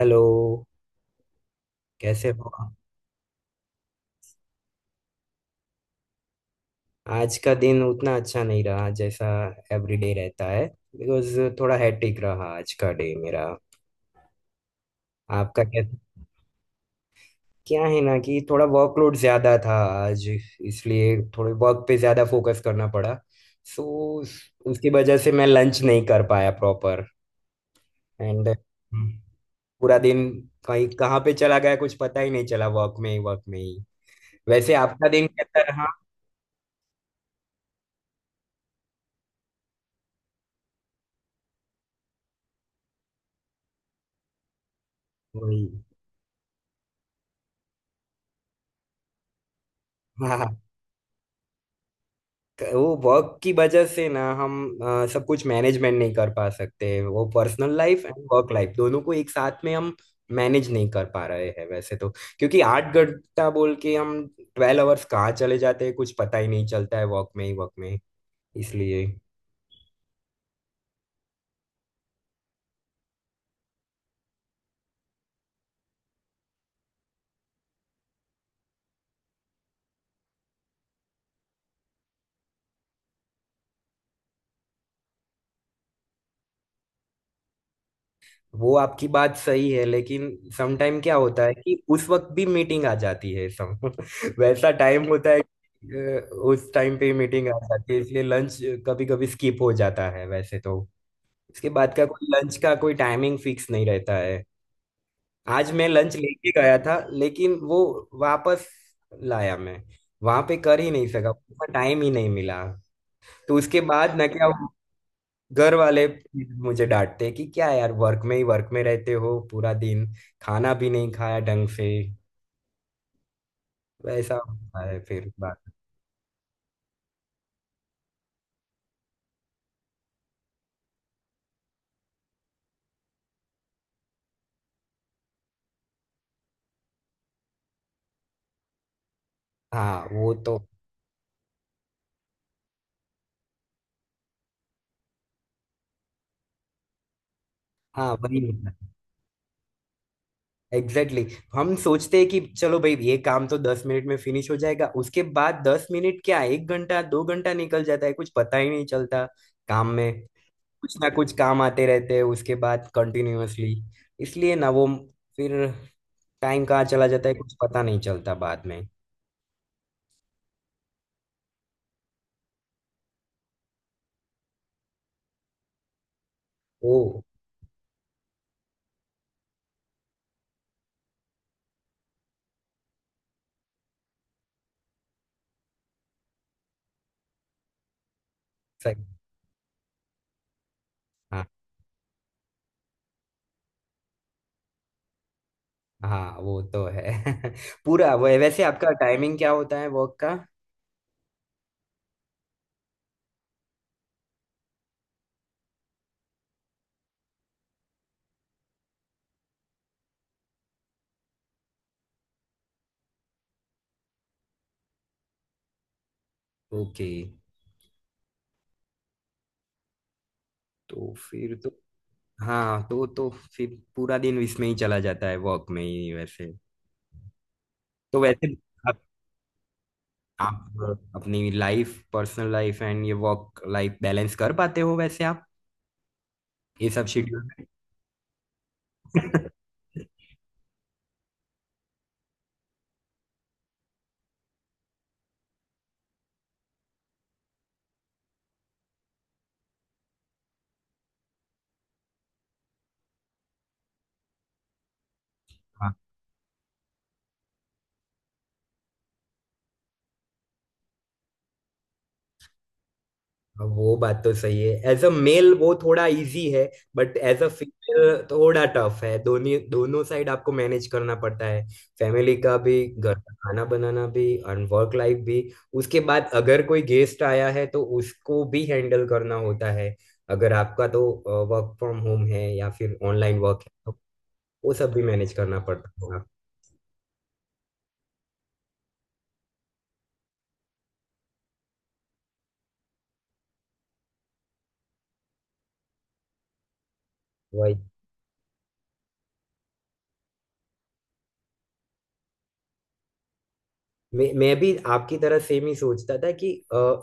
Hello. कैसे हो आप? आज का दिन उतना अच्छा नहीं रहा जैसा एवरीडे रहता है, बिकॉज थोड़ा हैट्रिक रहा आज का डे मेरा। आपका क्या? क्या है ना कि थोड़ा वर्कलोड ज्यादा था आज, इसलिए थोड़े वर्क पे ज्यादा फोकस करना पड़ा। सो उसकी वजह से मैं लंच नहीं कर पाया प्रॉपर एंड पूरा दिन कहीं कहाँ पे चला गया कुछ पता ही नहीं चला, वर्क में ही वर्क में ही। वैसे आपका दिन कैसा रहा? वही। वो वर्क की वजह से ना हम सब कुछ मैनेजमेंट नहीं कर पा सकते वो, personal life and work life दोनों को एक साथ में हम मैनेज नहीं कर पा रहे हैं वैसे तो। क्योंकि 8 घंटा बोल के हम 12 आवर्स कहाँ चले जाते हैं कुछ पता ही नहीं चलता है, वर्क में ही वर्क में। इसलिए वो आपकी बात सही है लेकिन समटाइम क्या होता है कि उस वक्त भी मीटिंग आ जाती है सम वैसा टाइम होता है कि, उस टाइम पे मीटिंग आ जाती है, इसलिए लंच कभी कभी स्किप हो जाता है वैसे तो। इसके बाद का कोई लंच का कोई टाइमिंग फिक्स नहीं रहता है। आज मैं लंच लेके गया था लेकिन वो वापस लाया मैं, वहां पे कर ही नहीं सका, उतना टाइम ही नहीं मिला। तो उसके बाद ना क्या वो घर वाले मुझे डांटते कि क्या यार वर्क में ही वर्क में रहते हो पूरा दिन, खाना भी नहीं खाया ढंग से। वैसा होता है फिर बात। हाँ वो तो। हाँ वही होता है। Exactly exactly. हम सोचते हैं कि चलो भाई ये काम तो 10 मिनट में फिनिश हो जाएगा, उसके बाद 10 मिनट क्या एक घंटा दो घंटा निकल जाता है कुछ पता ही नहीं चलता काम में। कुछ ना कुछ काम आते रहते हैं उसके बाद कंटिन्यूअसली। इसलिए ना वो फिर टाइम कहाँ चला जाता है कुछ पता नहीं चलता बाद में। ओ। सही। हाँ हाँ वो तो है। पूरा वो। वैसे आपका टाइमिंग क्या होता है वर्क का? ओके। तो फिर तो। हाँ तो फिर पूरा दिन इसमें ही चला जाता है वर्क में ही वैसे। तो वैसे आप, आप अपनी लाइफ, पर्सनल लाइफ एंड ये वर्क लाइफ बैलेंस कर पाते हो वैसे आप ये सब शेड्यूल में? हाँ, वो बात तो सही है। एज अ मेल वो थोड़ा इजी है, बट एज अ फीमेल थोड़ा टफ है, दोनों दोनों साइड आपको मैनेज करना पड़ता है। फैमिली का भी, घर का खाना बनाना भी, और वर्क लाइफ भी। उसके बाद अगर कोई गेस्ट आया है तो उसको भी हैंडल करना होता है। अगर आपका तो वर्क फ्रॉम होम है या फिर ऑनलाइन वर्क है तो वो सब भी मैनेज करना पड़ता होगा। Right? मैं भी आपकी तरह सेम ही सोचता था कि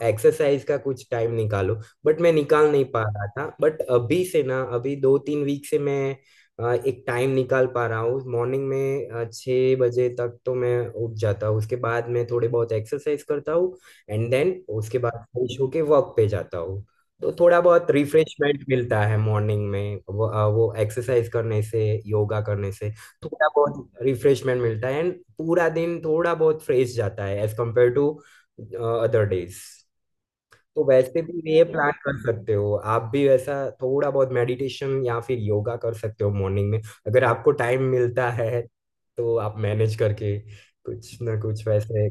एक्सरसाइज का कुछ टाइम निकालो, बट मैं निकाल नहीं पा रहा था। बट अभी से ना, अभी 2 3 वीक से मैं एक टाइम निकाल पा रहा हूँ मॉर्निंग में। 6 बजे तक तो मैं उठ जाता हूँ, उसके बाद मैं थोड़े बहुत एक्सरसाइज करता हूँ एंड देन उसके बाद फ्रेश होके वर्क पे जाता हूँ। तो थोड़ा बहुत रिफ्रेशमेंट मिलता है मॉर्निंग में, वो वो एक्सरसाइज करने से, योगा करने से थोड़ा बहुत रिफ्रेशमेंट मिलता है एंड पूरा दिन थोड़ा बहुत फ्रेश जाता है as compare to other days. तो वैसे भी ये प्लान कर सकते हो आप भी, वैसा थोड़ा बहुत मेडिटेशन या फिर योगा कर सकते हो मॉर्निंग में, अगर आपको टाइम मिलता है तो आप मैनेज करके कुछ ना कुछ वैसे।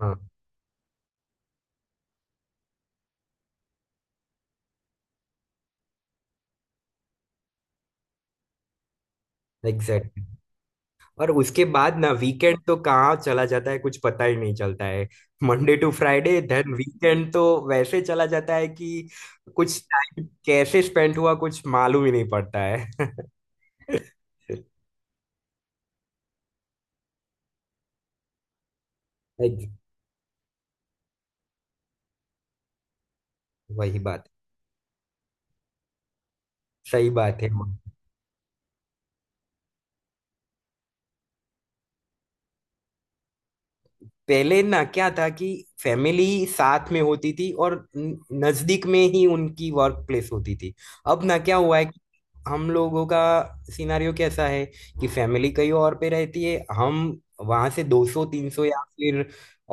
हाँ। एग्जैक्ट। और उसके बाद ना वीकेंड तो कहाँ चला जाता है कुछ पता ही नहीं चलता है। Monday to Friday then weekend तो वैसे चला जाता है कि कुछ टाइम कैसे स्पेंड हुआ कुछ मालूम ही नहीं पड़ता है। एक- वही बात। सही बात है। पहले ना क्या था कि फैमिली साथ में होती थी और नजदीक में ही उनकी वर्क प्लेस होती थी। अब ना क्या हुआ है, हम लोगों का सिनारियो कैसा है कि फैमिली कहीं और पे रहती है, हम वहां से 200 300 या फिर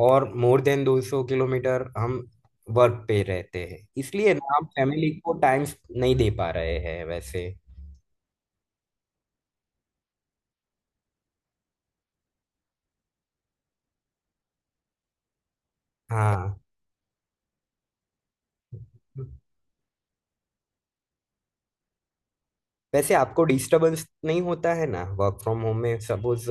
और मोर देन 200 किलोमीटर हम वर्क पे रहते हैं, इसलिए ना हम फैमिली को टाइम नहीं दे पा रहे हैं वैसे। हाँ। वैसे आपको डिस्टरबेंस नहीं होता है ना वर्क फ्रॉम होम में? सपोज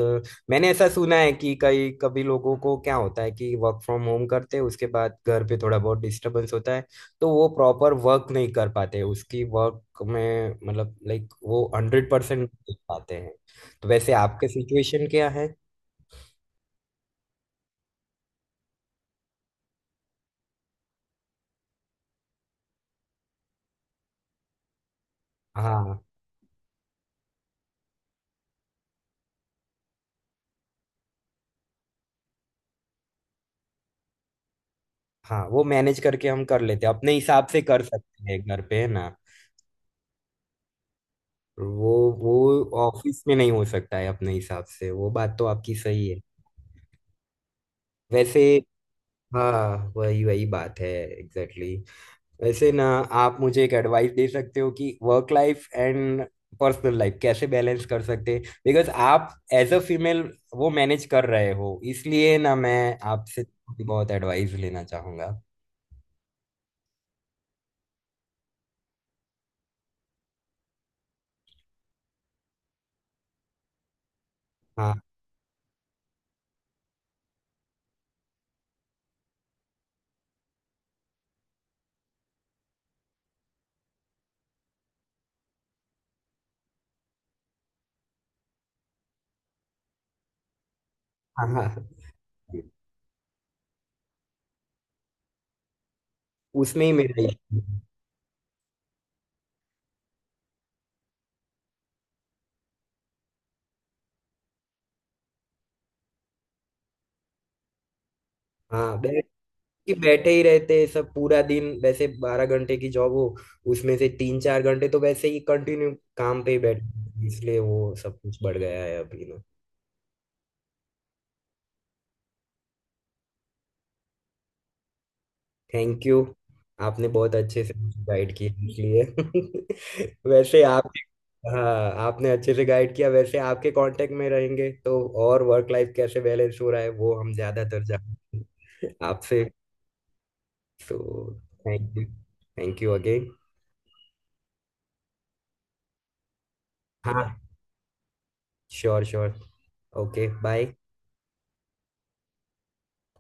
मैंने ऐसा सुना है कि कई कभी लोगों को क्या होता है कि वर्क फ्रॉम होम करते हैं, उसके बाद घर पे थोड़ा बहुत डिस्टरबेंस होता है, तो वो प्रॉपर वर्क नहीं कर पाते उसकी वर्क में, मतलब लाइक वो 100% नहीं दे पाते हैं। तो वैसे आपके सिचुएशन क्या है? हाँ हाँ। वो मैनेज करके हम कर लेते हैं अपने हिसाब से, कर सकते हैं घर पे है ना। वो वो ऑफिस में नहीं हो सकता है अपने हिसाब से, वो बात तो आपकी सही है। वैसे। हाँ। वही वही बात है एग्जैक्टली exactly. वैसे ना आप मुझे एक एडवाइस दे सकते हो कि work life and personal life कैसे बैलेंस कर सकते हैं, बिकॉज आप एज अ फीमेल वो मैनेज कर रहे हो, इसलिए ना मैं आपसे बहुत एडवाइस लेना चाहूंगा। हाँ हाँ हाँ। उसमें ही मेरा issue है। हाँ बैठ कि बैठे ही रहते हैं सब पूरा दिन, वैसे 12 घंटे की जॉब हो उसमें से 3 4 घंटे तो वैसे ही कंटिन्यू काम पे ही बैठे, इसलिए वो सब कुछ बढ़ गया है अभी। Thank you. आपने बहुत अच्छे से गाइड किया इसलिए, वैसे आप। हाँ, आपने अच्छे से गाइड किया, वैसे आपके कांटेक्ट में रहेंगे तो और वर्क लाइफ कैसे बैलेंस हो रहा है वो हम ज्यादातर जानते हैं आपसे। तो thank you. Thank you again. हाँ। Sure sure. Okay bye.